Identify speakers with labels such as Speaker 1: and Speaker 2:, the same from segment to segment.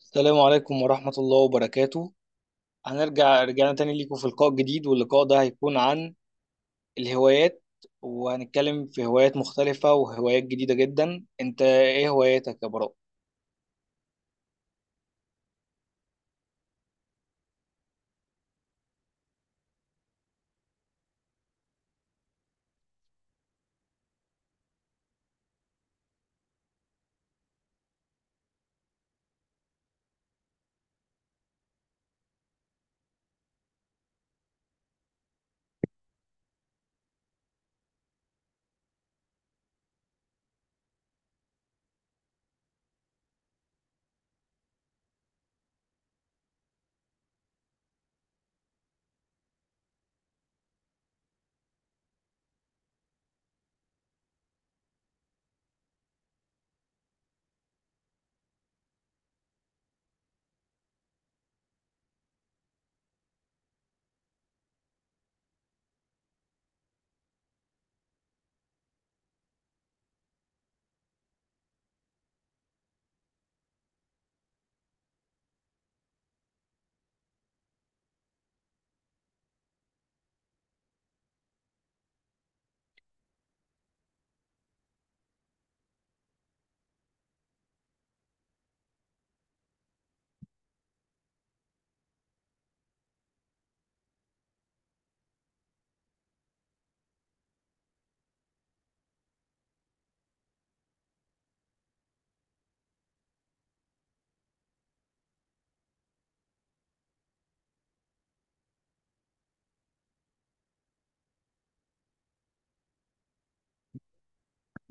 Speaker 1: السلام عليكم ورحمة الله وبركاته. رجعنا تاني ليكم في لقاء جديد، واللقاء ده هيكون عن الهوايات. وهنتكلم في هوايات مختلفة وهوايات جديدة جدا. انت ايه هواياتك يا براء؟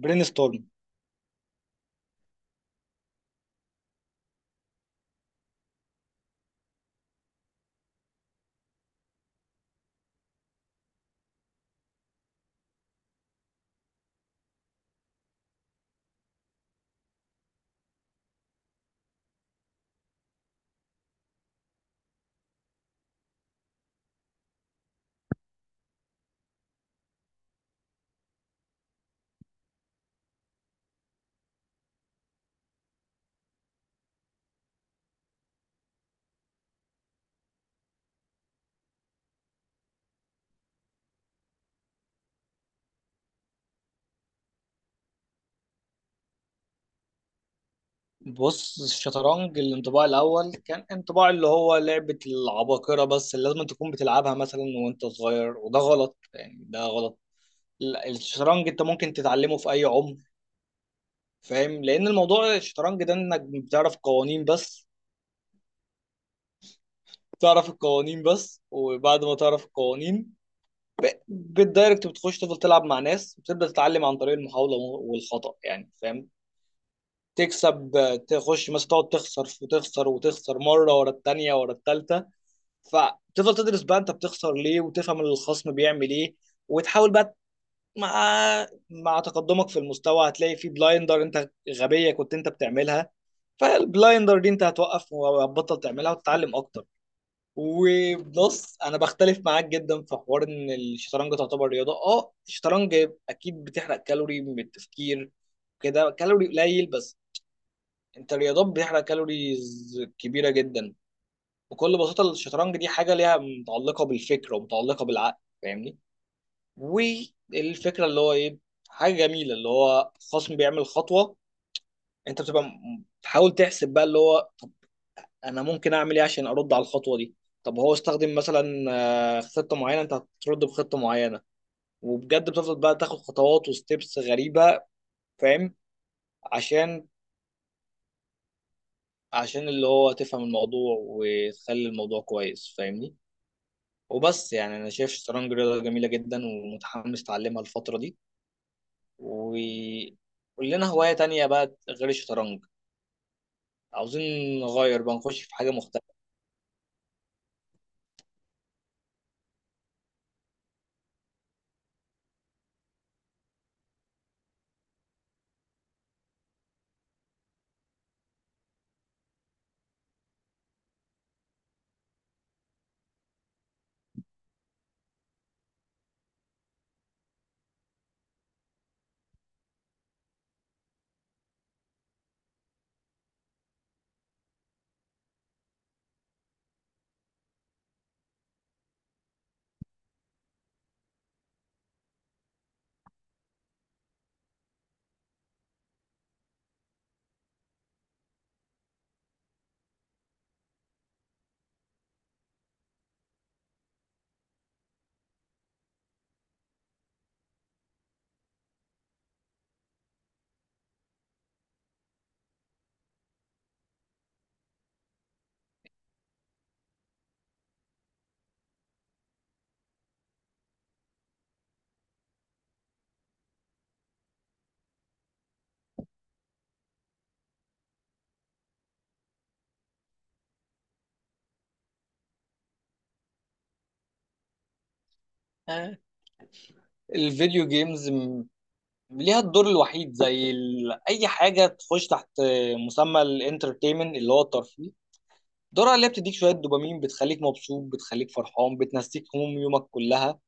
Speaker 1: برين ستورم. بص الشطرنج، الانطباع الأول كان انطباع اللي هو لعبة العباقرة، بس اللي لازم تكون بتلعبها مثلا وانت صغير، وده غلط يعني، ده غلط. لا، الشطرنج انت ممكن تتعلمه في أي عمر. فاهم، لأن الموضوع الشطرنج ده انك بتعرف قوانين بس. تعرف القوانين بس، وبعد ما تعرف القوانين بالدايركت بتخش تفضل تلعب مع ناس وتبدأ تتعلم عن طريق المحاولة والخطأ يعني، فاهم. تكسب، تخش مثلا تقعد تخسر وتخسر وتخسر مرة ورا التانية ورا التالتة. فتفضل تدرس بقى انت بتخسر ليه، وتفهم الخصم بيعمل ايه، وتحاول بقى مع تقدمك في المستوى هتلاقي في بلايندر انت غبية كنت انت بتعملها. فالبلايندر دي انت هتوقف وهتبطل تعملها وتتعلم اكتر. وبص انا بختلف معاك جدا في حوار ان الشطرنج تعتبر رياضه. اه الشطرنج اكيد بتحرق كالوري من التفكير، كده كالوري قليل بس. انت الرياضات بتحرق كالوريز كبيره جدا. بكل بساطه الشطرنج دي حاجه ليها متعلقه بالفكر ومتعلقه بالعقل، فاهمني. والفكره اللي هو ايه، حاجه جميله اللي هو خصم بيعمل خطوه، انت بتبقى تحاول تحسب بقى اللي هو انا ممكن اعمل ايه عشان ارد على الخطوه دي. طب هو استخدم مثلا خطه معينه، انت هترد بخطه معينه. وبجد بتفضل بقى تاخد خطوات وستبس غريبه، فاهم، عشان اللي هو تفهم الموضوع وتخلي الموضوع كويس، فاهمني. وبس يعني انا شايف الشطرنج رياضه جميله جدا ومتحمس اتعلمها الفتره دي. وقول لنا هوايه تانية بقى غير الشطرنج، عاوزين نغير بقى نخش في حاجه مختلفه. آه، الفيديو جيمز ليها الدور الوحيد، زي ال... اي حاجه تخش تحت مسمى الانترتينمنت اللي هو الترفيه. دورها اللي هي بتديك شويه دوبامين، بتخليك مبسوط، بتخليك فرحان، بتنسيك هموم يومك كلها.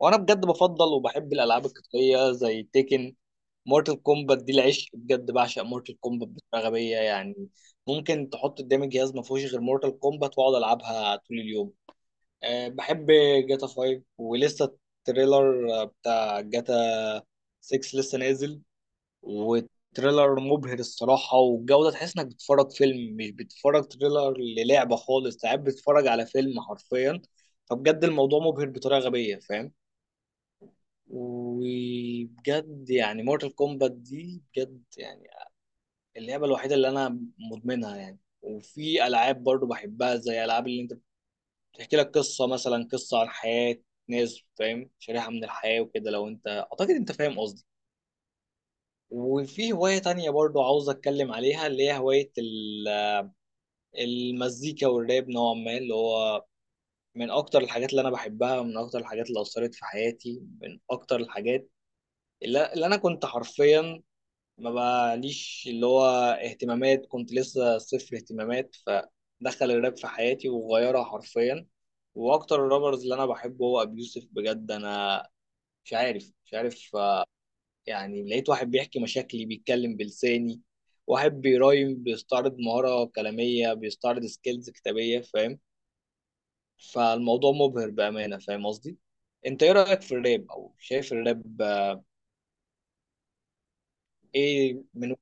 Speaker 1: وانا بجد بفضل وبحب الالعاب القتاليه زي تيكن، مورتال كومبات. دي العشق بجد، بعشق مورتال كومبات بطريقه غبيه يعني. ممكن تحط قدامي جهاز ما فيهوش غير مورتال كومبات واقعد العبها طول اليوم. أه بحب جاتا 5، ولسه التريلر بتاع جاتا 6 لسه نازل، وتريلر مبهر الصراحة، والجودة تحس انك بتتفرج فيلم، مش بتتفرج تريلر للعبة خالص، ساعات بتتفرج على فيلم حرفيا. فبجد الموضوع مبهر بطريقة غبية، فاهم. وبجد يعني مورتال كومبات دي بجد يعني اللعبة الوحيدة اللي انا مدمنها يعني. وفي العاب برضو بحبها زي العاب اللي انت بتحكي لك قصة، مثلا قصة عن حياة ناس، فاهم، شريحة من الحياة وكده. لو انت اعتقد انت فاهم قصدي. وفي هواية تانية برضو عاوز أتكلم عليها، اللي هي هواية المزيكا والراب نوعا ما، اللي هو من أكتر الحاجات اللي أنا بحبها، من أكتر الحاجات اللي أثرت في حياتي، من أكتر الحاجات اللي أنا كنت حرفيا ما بقاليش اللي هو اهتمامات، كنت لسه صفر اهتمامات، فدخل الراب في حياتي وغيرها حرفيا. وأكتر الرابرز اللي أنا بحبه هو أبي يوسف، بجد أنا مش عارف. يعني لقيت واحد بيحكي مشاكلي، بيتكلم بلساني، واحد بيرايم، بيستعرض مهارة كلامية، بيستعرض سكيلز كتابية، فاهم. فالموضوع مبهر بأمانة، فاهم قصدي. انت ايه رأيك في الراب، او شايف الراب ايه من...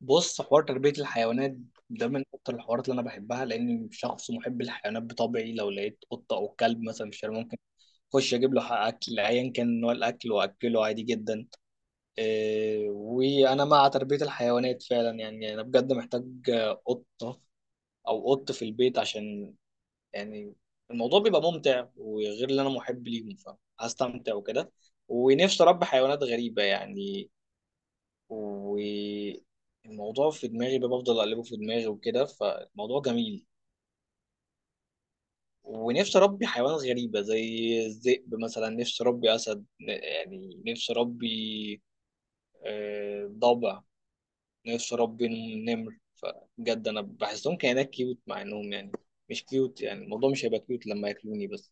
Speaker 1: بص حوار تربية الحيوانات ده من اكتر الحوارات اللي انا بحبها، لاني شخص محب للحيوانات بطبعي. لو لقيت قطة او كلب مثلا في الشارع، ممكن اخش اجيب له حق اكل ايا كان نوع الاكل واكله عادي جدا. إيه، وانا مع تربيه الحيوانات فعلا يعني. انا بجد محتاج قطه او قط في البيت عشان يعني الموضوع بيبقى ممتع، وغير اللي انا محب ليهم فهستمتع وكده. ونفسي اربي حيوانات غريبه يعني، والموضوع في دماغي بقى بفضل اقلبه في دماغي وكده، فالموضوع جميل. ونفسي اربي حيوانات غريبه زي الذئب مثلا، نفسي اربي اسد، يعني نفسي اربي ضبع، نفسي اربي نمر. فبجد انا بحسهم كائنات كيوت، مع انهم يعني مش كيوت، يعني الموضوع مش هيبقى كيوت لما ياكلوني بس،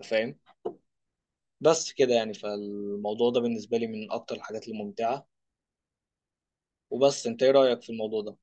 Speaker 1: انت فاهم. بس كده يعني، فالموضوع ده بالنسبه لي من اكتر الحاجات الممتعه. وبس انت ايه رايك في الموضوع ده؟